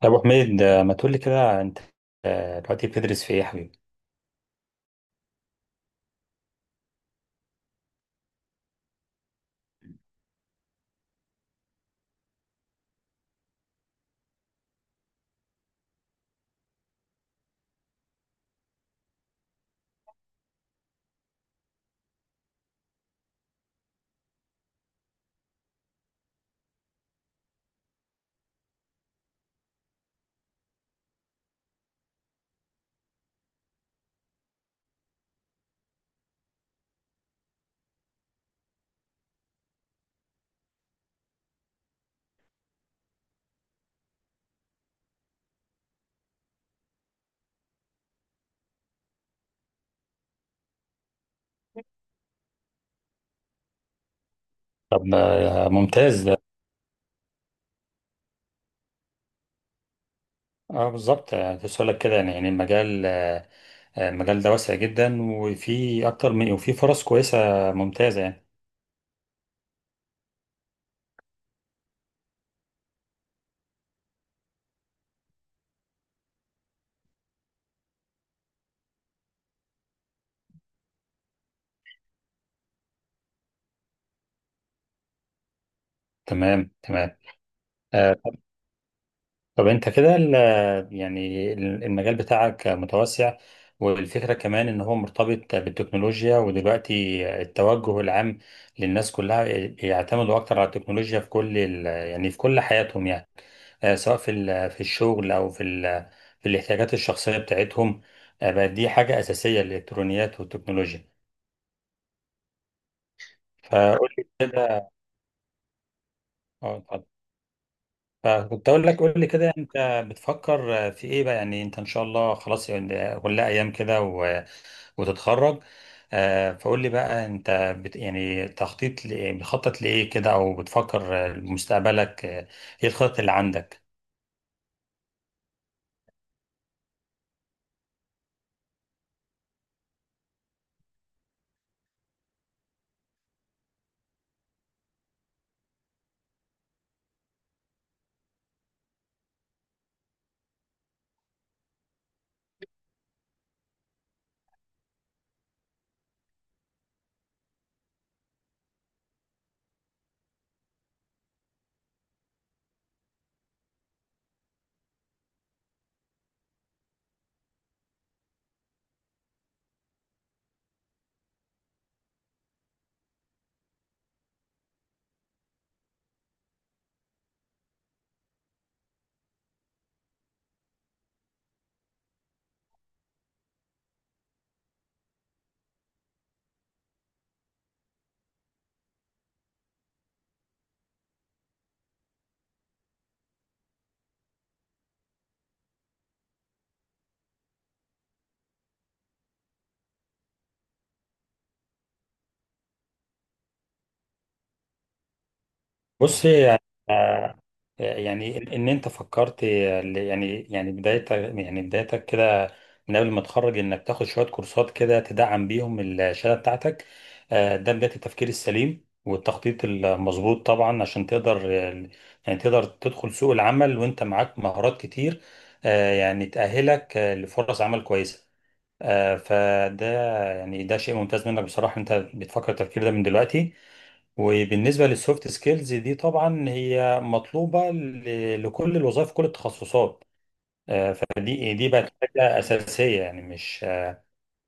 طب ابو حميد، ما تقول لي كده انت. دلوقتي بتدرس في ايه يا حبيبي؟ طب ممتاز ده. اه، بالظبط، كنت لك كده يعني، المجال المجال ده واسع جدا، وفي اكتر من وفي فرص كويسه ممتازه يعني. تمام تمام. آه، طب انت كده، المجال بتاعك متوسع، والفكرة كمان ان هو مرتبط بالتكنولوجيا ودلوقتي التوجه العام للناس كلها يعتمدوا اكتر على التكنولوجيا في كل حياتهم يعني. سواء في الشغل او في الاحتياجات الشخصية بتاعتهم. بقت دي حاجة أساسية، الالكترونيات والتكنولوجيا. فقول لي. اه، اتفضل. فكنت اقول لك، قول لي كده انت بتفكر في ايه بقى، يعني انت ان شاء الله خلاص يعني، ولا ايام كده وتتخرج؟ فقول لي بقى انت، بت يعني تخطيط لإيه- بتخطط لايه كده او بتفكر لمستقبلك. ايه الخطط اللي عندك؟ بص يعني، ان انت فكرت بدايتك كده، من قبل ما تتخرج انك تاخد شويه كورسات كده تدعم بيهم الشهاده بتاعتك. ده بدايه التفكير السليم والتخطيط المظبوط طبعا، عشان تقدر يعني تقدر تدخل سوق العمل وانت معاك مهارات كتير، يعني تأهلك لفرص عمل كويسه. فده يعني ده شيء ممتاز منك بصراحه، انت بتفكر التفكير ده من دلوقتي. وبالنسبة للسوفت سكيلز دي، طبعا هي مطلوبة لكل الوظائف، كل التخصصات. فدي بقت حاجة أساسية، يعني مش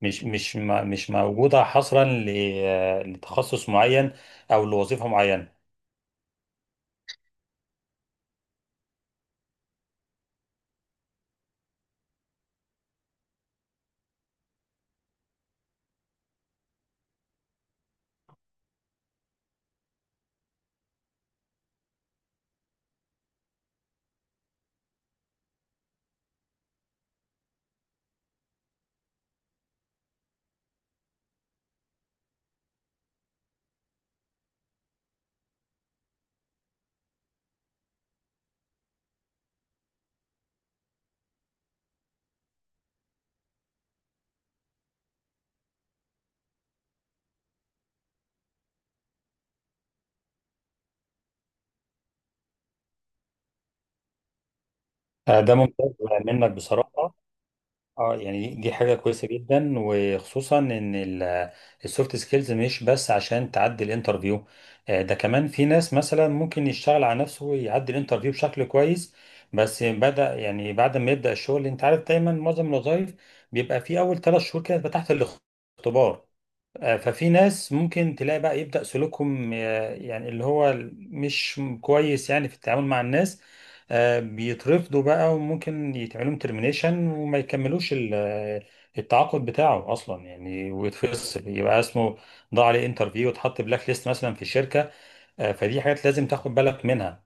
مش مش م- مش موجودة حصرا لتخصص معين، أو لوظيفة معينة. ده ممتاز منك بصراحة. اه، يعني دي حاجة كويسة جدا، وخصوصا ان السوفت سكيلز مش بس عشان تعدي الانترفيو. ده كمان في ناس مثلا ممكن يشتغل على نفسه ويعدي الانترفيو بشكل كويس، بس بدأ يعني بعد ما يبدأ الشغل انت عارف دايما معظم الوظائف بيبقى في اول 3 شهور كده بتبقى تحت الاختبار. ففي ناس ممكن تلاقي بقى يبدأ سلوكهم يعني اللي هو مش كويس يعني في التعامل مع الناس، بيترفضوا بقى، وممكن يتعملهم ترمينيشن وما يكملوش التعاقد بتاعه اصلا يعني، ويتفصل يبقى اسمه ضاع عليه انترفيو، وتحط بلاك ليست مثلا في الشركة. فدي حاجات لازم تاخد بالك منها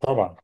طبعا.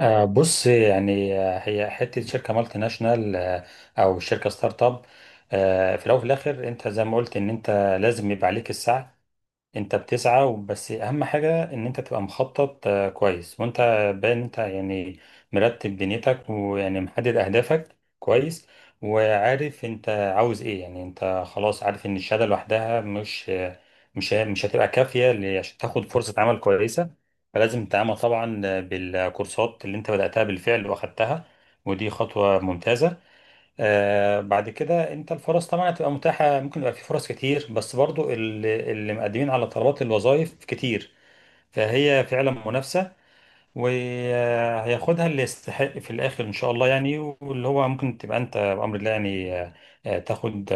بص يعني، هي حته شركه مالتي ناشونال او شركه ستارت اب، في الاول وفي الاخر انت زي ما قلت ان انت لازم يبقى عليك السعي. انت بتسعى، بس اهم حاجة ان انت تبقى مخطط كويس، وانت باين انت يعني مرتب دنيتك، ويعني محدد اهدافك كويس، وعارف انت عاوز ايه، يعني انت خلاص عارف ان الشهادة لوحدها مش آه، مش ه- مش هتبقى كافية عشان تاخد فرصة عمل كويسة. فلازم تتعامل طبعا بالكورسات اللي انت بدأتها بالفعل واخدتها، ودي خطوة ممتازة. بعد كده انت الفرص طبعا هتبقى متاحه، ممكن يبقى في فرص كتير، بس برضو اللي مقدمين على طلبات الوظائف كتير، فهي فعلا منافسه، وهياخدها اللي يستحق في الاخر ان شاء الله يعني، واللي هو ممكن تبقى انت بامر الله يعني تاخد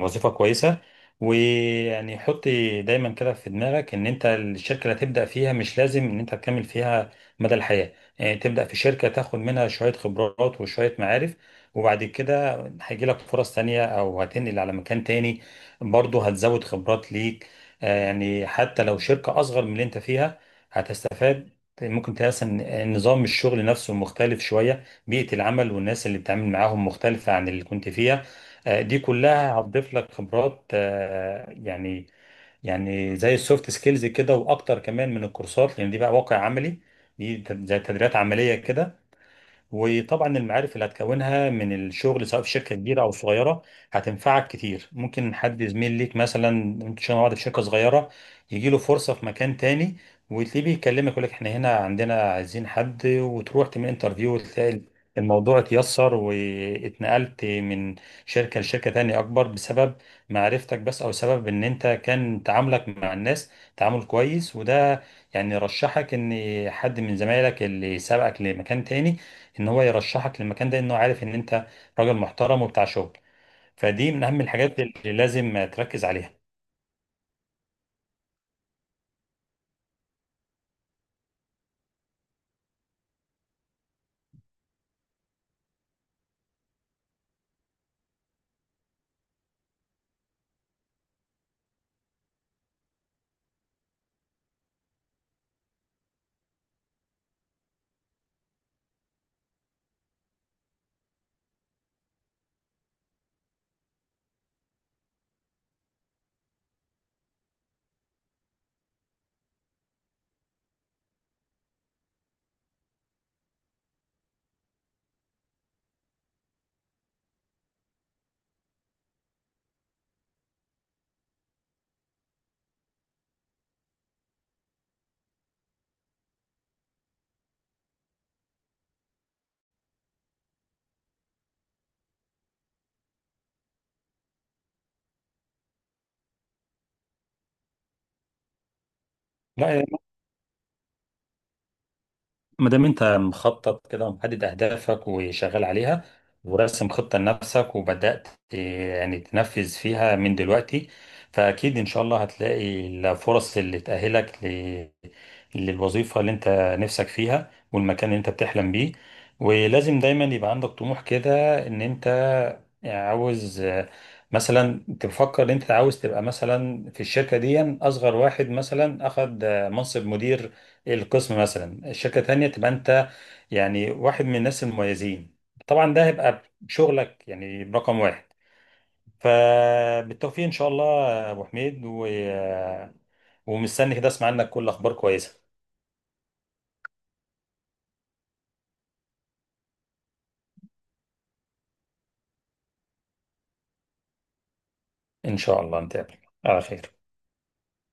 وظيفه كويسه. ويعني حط دايما كده في دماغك، ان انت الشركه اللي هتبدا فيها مش لازم ان انت تكمل فيها مدى الحياه. يعني تبدا في شركه تاخد منها شويه خبرات وشويه معارف، وبعد كده هيجي لك فرص تانية او هتنقل على مكان تاني، برضه هتزود خبرات ليك. يعني حتى لو شركه اصغر من اللي انت فيها، هتستفاد. طيب، ممكن تلاقي اصلا نظام الشغل نفسه مختلف شويه، بيئه العمل والناس اللي بتتعامل معاهم مختلفه عن اللي كنت فيها. دي كلها هتضيف لك خبرات، يعني زي السوفت سكيلز كده، واكتر كمان من الكورسات، لان دي بقى واقع عملي، دي زي تدريبات عمليه كده. وطبعا المعارف اللي هتكونها من الشغل، سواء في شركه كبيره او صغيره، هتنفعك كتير. ممكن حد زميل ليك مثلا انتوا شغالين مع بعض في شركه صغيره، يجي له فرصه في مكان تاني، وتلاقيه بيكلمك يقول لك احنا هنا عندنا عايزين حد، وتروح تعمل انترفيو وتلاقي الموضوع اتيسر، واتنقلت من شركه لشركه تانية اكبر، بسبب معرفتك بس، او سبب ان انت كان تعاملك مع الناس تعامل كويس. وده يعني رشحك، ان حد من زمايلك اللي سبقك لمكان تاني ان هو يرشحك للمكان ده، انه عارف ان انت راجل محترم وبتاع شغل. فدي من اهم الحاجات اللي لازم تركز عليها. لا، ما دام انت مخطط كده ومحدد اهدافك وشغال عليها، وراسم خطة لنفسك، وبدأت يعني تنفذ فيها من دلوقتي، فأكيد إن شاء الله هتلاقي الفرص اللي تأهلك للوظيفة اللي انت نفسك فيها، والمكان اللي انت بتحلم بيه. ولازم دايما يبقى عندك طموح كده، ان انت عاوز مثلا تفكر ان انت عاوز تبقى مثلا في الشركة دي اصغر واحد مثلا اخد منصب مدير القسم، مثلا الشركة تانية تبقى انت يعني واحد من الناس المميزين. طبعا ده هيبقى شغلك يعني رقم واحد. فبالتوفيق ان شاء الله يا ابو حميد، ومستني كده اسمع عنك كل اخبار كويسة. ان شاء الله نتقابل على خير.